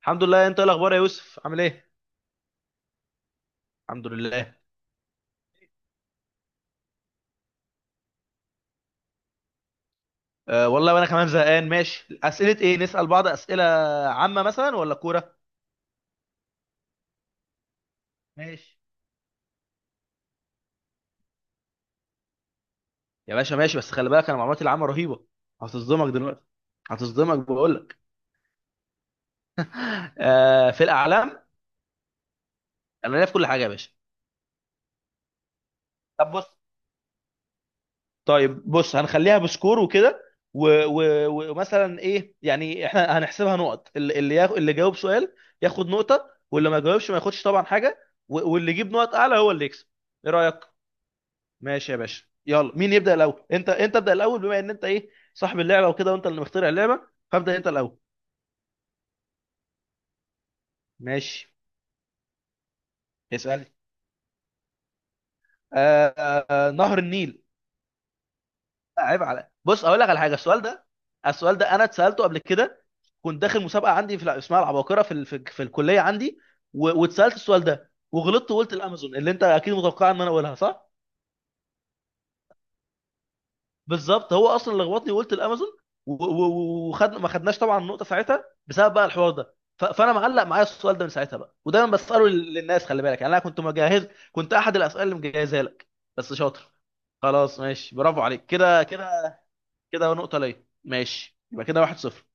الحمد لله. انت ايه الاخبار يا يوسف؟ عامل ايه؟ الحمد لله. أه والله، وانا كمان زهقان. ماشي، اسئله ايه نسال بعض؟ اسئله عامه مثلا ولا كوره؟ ماشي يا باشا، ماشي. بس خلي بالك انا معلوماتي العامه رهيبه، هتصدمك دلوقتي، هتصدمك بقول لك. أه في الاعلام، انا ليا في كل حاجه يا باشا. طب بص، طيب بص، هنخليها بسكور وكده. و- و- ومثلا ايه يعني، احنا هنحسبها نقط، اللي جاوب سؤال ياخد نقطه، واللي ما جاوبش ما ياخدش طبعا حاجه، واللي يجيب نقط اعلى هو اللي يكسب. ايه رايك؟ ماشي يا باشا، يلا مين يبدأ الأول؟ انت ابدأ الأول، بما ان انت ايه صاحب اللعبة وكده، وانت اللي مخترع اللعبة، فابدأ انت الأول. ماشي، اسألني. آه آه، نهر النيل. لا، عيب على، بص اقول لك على حاجة. السؤال ده، السؤال ده انا اتسألته قبل كده. كنت داخل مسابقة عندي اسمها العباقرة في الكلية عندي، واتسألت السؤال ده وغلطت وقلت الامازون، اللي انت اكيد متوقع ان انا اقولها صح. بالظبط، هو اصلا اللي لخبطني وقلت الامازون، وخد، ما خدناش طبعا النقطه ساعتها بسبب بقى الحوار ده، فانا معلق معايا السؤال ده من ساعتها بقى، ودايما بساله للناس. خلي بالك يعني، انا كنت مجهز، كنت احد الاسئله اللي مجهزها لك. بس شاطر، خلاص ماشي، برافو عليك كده كده. كده نقطه ليا، ماشي، يبقى كده واحد صفر.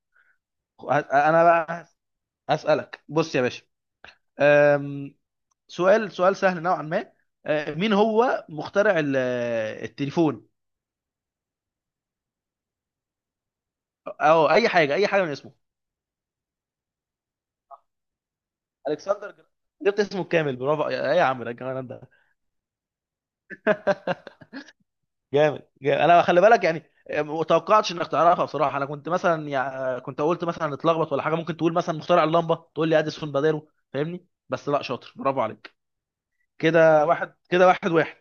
انا بقى. اسالك بص يا باشا، أم، سؤال، سؤال سهل نوعا ما. مين هو مخترع التليفون؟ او اي حاجه، اي حاجه من اسمه. الكسندر جبت اسمه الكامل، برافو يا، ايه يا عم ده الجمال ده؟ جامد، جامد، انا خلي بالك يعني ما توقعتش انك تعرفها بصراحه. انا كنت مثلا يعني، كنت قلت مثلا اتلخبط ولا حاجه، ممكن تقول مثلا مخترع اللمبه تقول لي اديسون باديرو، فاهمني؟ بس لا، شاطر، برافو عليك. كده واحد، كده واحد واحد.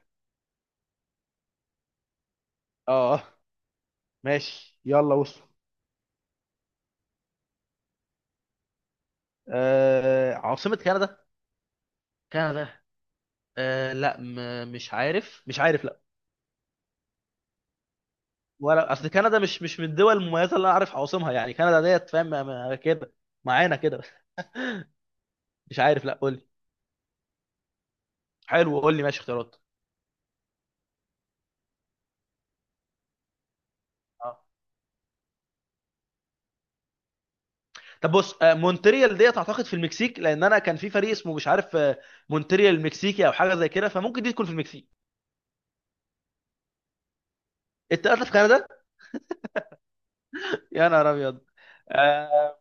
اه ماشي، يلا وصل. آه، عاصمه كندا، كندا، لا، مش عارف، مش عارف، لا. ولا اصل كندا مش من الدول المميزه اللي انا عارف عواصمها يعني. كندا ديت فاهم، كده، معانا كده. مش عارف، لا قول لي. حلو، قول لي، ماشي، اختيارات. اه، طب بص، مونتريال ديت اعتقد في المكسيك، لان انا كان في فريق اسمه مش عارف، مونتريال المكسيكي او حاجه زي كده، فممكن دي تكون في المكسيك. التلاته في كندا؟ يا نهار ابيض. آه،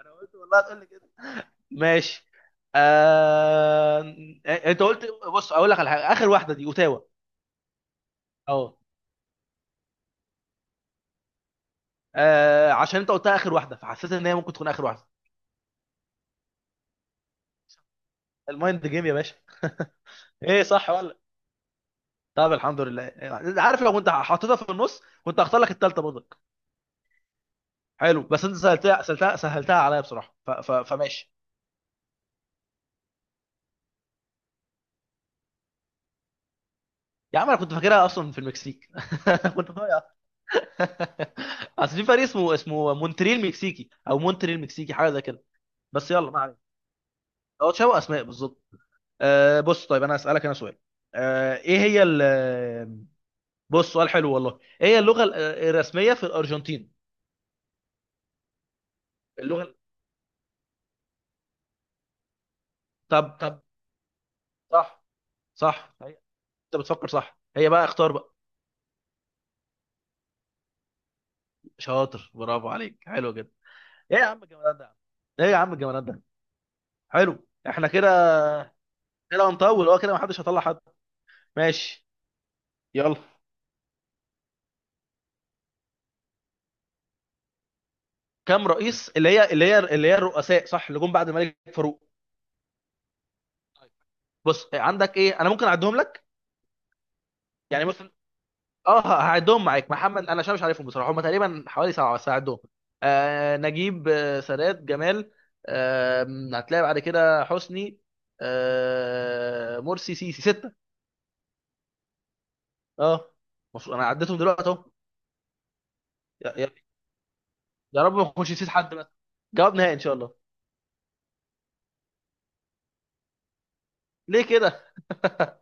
انا قلت والله هتقول لي كده. ماشي. آه... انت قلت، بص اقول لك على حاجه، اخر واحده دي اوتاوا. اه، عشان انت قلتها اخر واحده، فحسيت ان هي ممكن تكون اخر واحده. المايند جيم يا باشا. ايه، صح ولا؟ طب الحمد لله. عارف لو كنت حطيتها في النص، كنت هختار لك التالتة برضه. حلو، بس انت سهلتها عليا بصراحه، فماشي. يا عم انا كنت فاكرها اصلا في المكسيك. كنت ضايع. اصل في فريق اسمه مونتريال مكسيكي، او مونتريال مكسيكي حاجه زي كده. بس يلا، ما علينا. هو تشابه اسماء بالظبط. آه بص، طيب انا اسالك انا سؤال. آه ايه هي ال... بص، سؤال حلو والله، ايه هي اللغه الرسميه في الارجنتين؟ اللغه ال- طب طب، صح، صح هي. انت بتفكر، صح، هي بقى، اختار بقى. شاطر، برافو عليك، حلو جدا. ايه يا عم الجمدان ده يا عم؟ ايه يا عم الجمدان ده؟ حلو احنا كده، كده هنطول، اه كده محدش هيطلع حد. ماشي، يلا. كم رئيس؟ اللي هي الرؤساء صح؟ اللي جم بعد الملك فاروق؟ بص عندك ايه، انا ممكن اعدهم لك. يعني مثلا، اه هعدهم معاك محمد، انا عشان مش عارفهم بصراحه، هم تقريبا حوالي سبعه بس هعدهم. آه نجيب، آه سادات، جمال، آه هتلاقي بعد كده حسني، آه مرسي، سيسي، سته. اه، المفروض انا عديتهم دلوقتي اهو. يا يا- يا رب ما اكونش نسيت حد بس. جواب نهائي ان شاء الله. ليه كده؟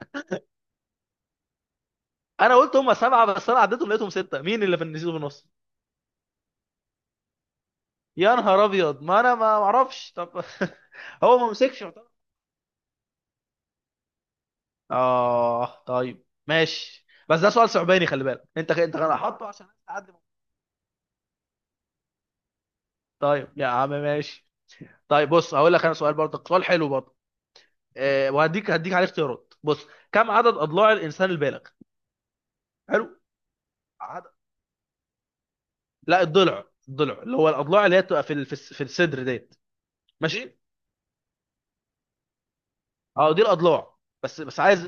انا قلت هم سبعه، بس انا عديتهم لقيتهم سته. مين اللي في النسيت في النص؟ يا نهار ابيض، ما انا ما اعرفش طب. هو ما مسكش يعتبر. اه طيب ماشي، بس ده سؤال صعباني، خلي بالك انت انا حاطه عشان تعدي. طيب يا عم ماشي. طيب بص، هقول لك انا سؤال برضك، سؤال حلو برضه. أه، وهديك، هديك عليه اختيارات. بص، كم عدد اضلاع الانسان البالغ؟ حلو، عدد. لا، الضلع، الضلع اللي هو الاضلاع اللي هي بتبقى في ال- في الس- في الصدر ديت. ماشي. اه دي الاضلاع، بس بس عايز.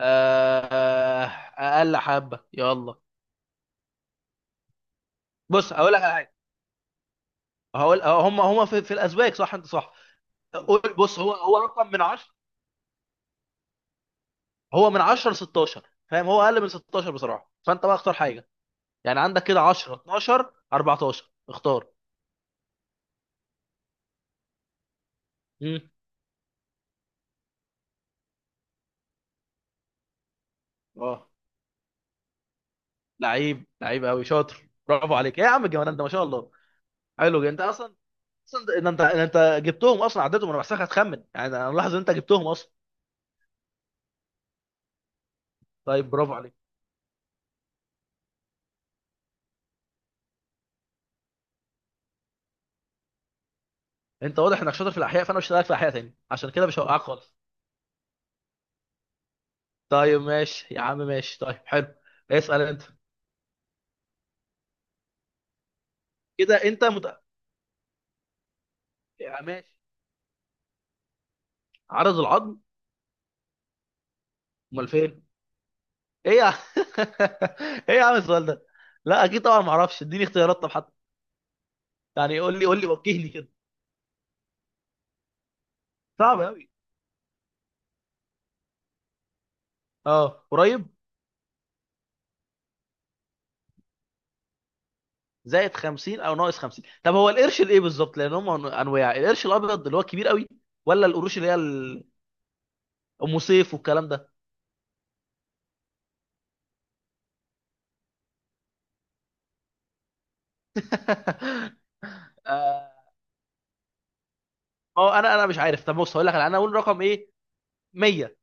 آه، اقل حبه يلا. بص هقول لك على حاجه، هقول هم، في الازواج صح، انت صح. قول بص، هو هو رقم من 10. هو من 10 ل 16 فاهم، هو اقل من 16 بصراحه، فانت بقى اختار حاجه. يعني عندك كده 10، 12، 14، اختار. امم، اه. لعيب، لعيب قوي، شاطر، برافو عليك، إيه يا عم الجمال ده، ما شاء الله. حلو جدا. انت اصلا، اصلا ده- ده انت ده انت جبتهم اصلا، عدتهم. انا بحسك هتخمن يعني، انا ملاحظ ان انت جبتهم اصلا. طيب برافو عليك. انت واضح انك شاطر في الاحياء، فانا مش هسالك في الاحياء تاني عشان كده، مش هوقعك خالص. طيب ماشي يا عم، ماشي، طيب حلو. اسال انت. كده انت مت... يا ماشي، عدد العظم. امال فين؟ ايه يا ايه يا عم السؤال ده؟ لا اكيد طبعا ما اعرفش، اديني اختيارات طب حتى. يعني قول لي، قول لي، وجهني كده. صعب قوي. اه قريب. زائد 50 او ناقص 50، طب هو القرش الايه بالظبط؟ لان هم انواع، القرش الابيض اللي هو كبير قوي، ولا القروش اللي هي ام سيف والكلام ده. آه، ما هو انا، انا مش عارف طب. بص هقول لك على، انا اقول رقم ايه؟ 100،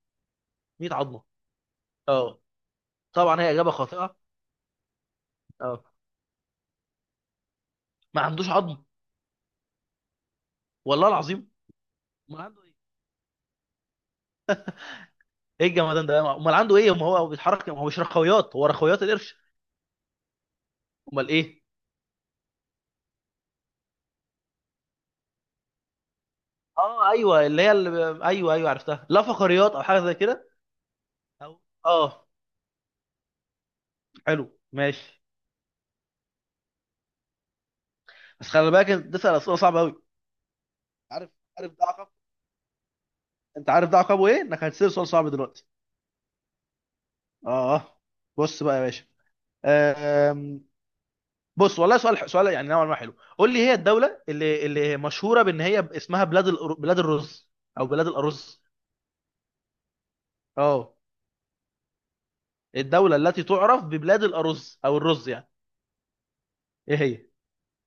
100 عظمه. اه، طبعا هي اجابه خاطئه. اه، ما عندوش عظم. والله العظيم. امال عنده ايه؟ ايه الجمدان ده، امال عنده ايه؟ ما هو بيتحرك، ما هو مش رخويات، هو رخويات القرش؟ امال ايه؟ اه ايوه، ايوه ايوه عرفتها، لا فقريات او حاجه زي كده. أو... اه، حلو ماشي. بس خلي بالك، انت تسال اسئله صعبه قوي. عارف، عارف، ده عقاب. انت عارف ده عقابه ايه؟ انك هتسال سؤال صعب دلوقتي. اه بص بقى يا باشا. بص والله سؤال، سؤال يعني نوعا ما حلو، قول لي. هي الدوله اللي مشهوره بان هي اسمها بلاد بلاد الرز، او بلاد الارز. اه، الدوله التي تعرف ببلاد الارز، او الرز يعني، ايه هي؟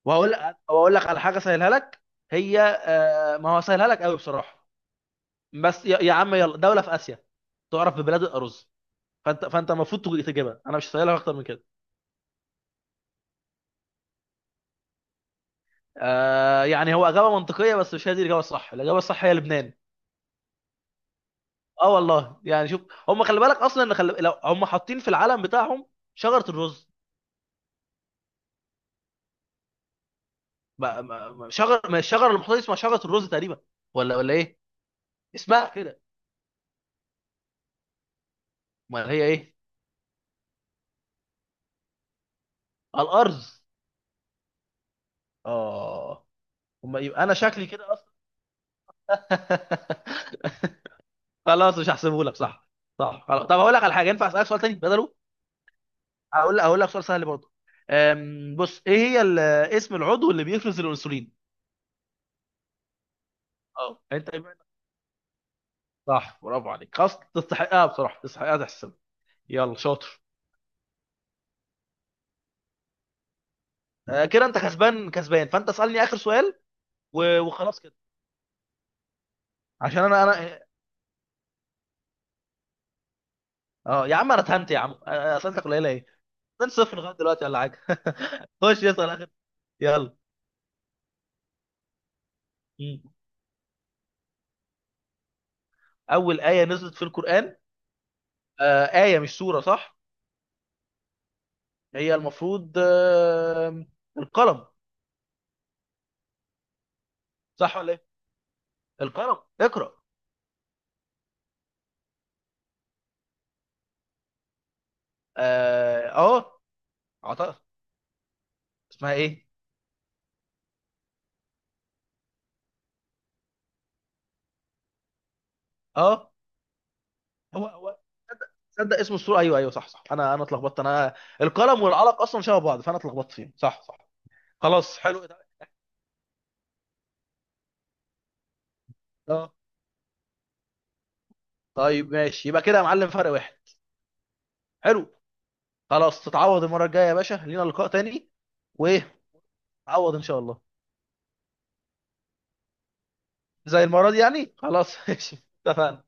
وهقول، واقول لك على حاجه سهلها لك. هي ما هو سهلها لك قوي بصراحه. بس يا عم، يلا، دوله في اسيا، تعرف ببلاد الارز، فانت، فانت المفروض تجيبها، انا مش سهلها اكتر من كده. آه، يعني هو اجابه منطقيه، بس مش هي دي الاجابه الصح. الاجابه الصح هي لبنان. اه والله، يعني شوف، هم خلي بالك اصلا ان لو هم حاطين في العلم بتاعهم شجره الرز. ما... ما... ما- شجر ما الشجره اللي محطوطه اسمها شجره الرز تقريبا، ولا ولا ايه؟ اسمها كده. امال هي ايه؟ الارز. اه. هم يبقى انا شكلي كده اصلا. خلاص، مش هحسبه لك، صح صح، خلاص. طب هقول لك على حاجه، ينفع اسالك سؤال تاني بدله؟ هقول، هقول لك سؤال سهل برضه. بص، ايه هي اسم العضو اللي بيفرز الانسولين؟ اه انت يبقى، صح، برافو عليك، خلاص تستحقها بصراحه، تستحقها تحسب. يلا شاطر. آه، كده انت كسبان، كسبان، فانت اسالني اخر سؤال، وخلاص كده. عشان انا انا، اه يا عم انا اتهنت يا عم. اسئلتك قليله ايه؟ 2 0 لغايه دلوقتي ولا حاجه. خش اسال اخر. يلا. مم. اول ايه نزلت في القران؟ آه، ايه مش سوره صح؟ هي المفروض آه، القلم. صح ولا ايه؟ القلم، اقرا. اه، اعتقد. اسمها ايه؟ اه، هو هو، تصدق، تصدق اسم السورة، ايوه ايوه، صح صح، انا اتلخبطت انا. القلم والعلق اصلا شبه بعض، فانا اتلخبطت فيهم، صح صح. خلاص حلو. اه طيب ماشي، يبقى كده يا معلم فرق واحد. حلو. خلاص تتعوض المرة الجاية يا باشا، لينا لقاء تاني. وايه، تعوض ان شاء الله. زي المرة دي يعني، خلاص ماشي. اتفقنا.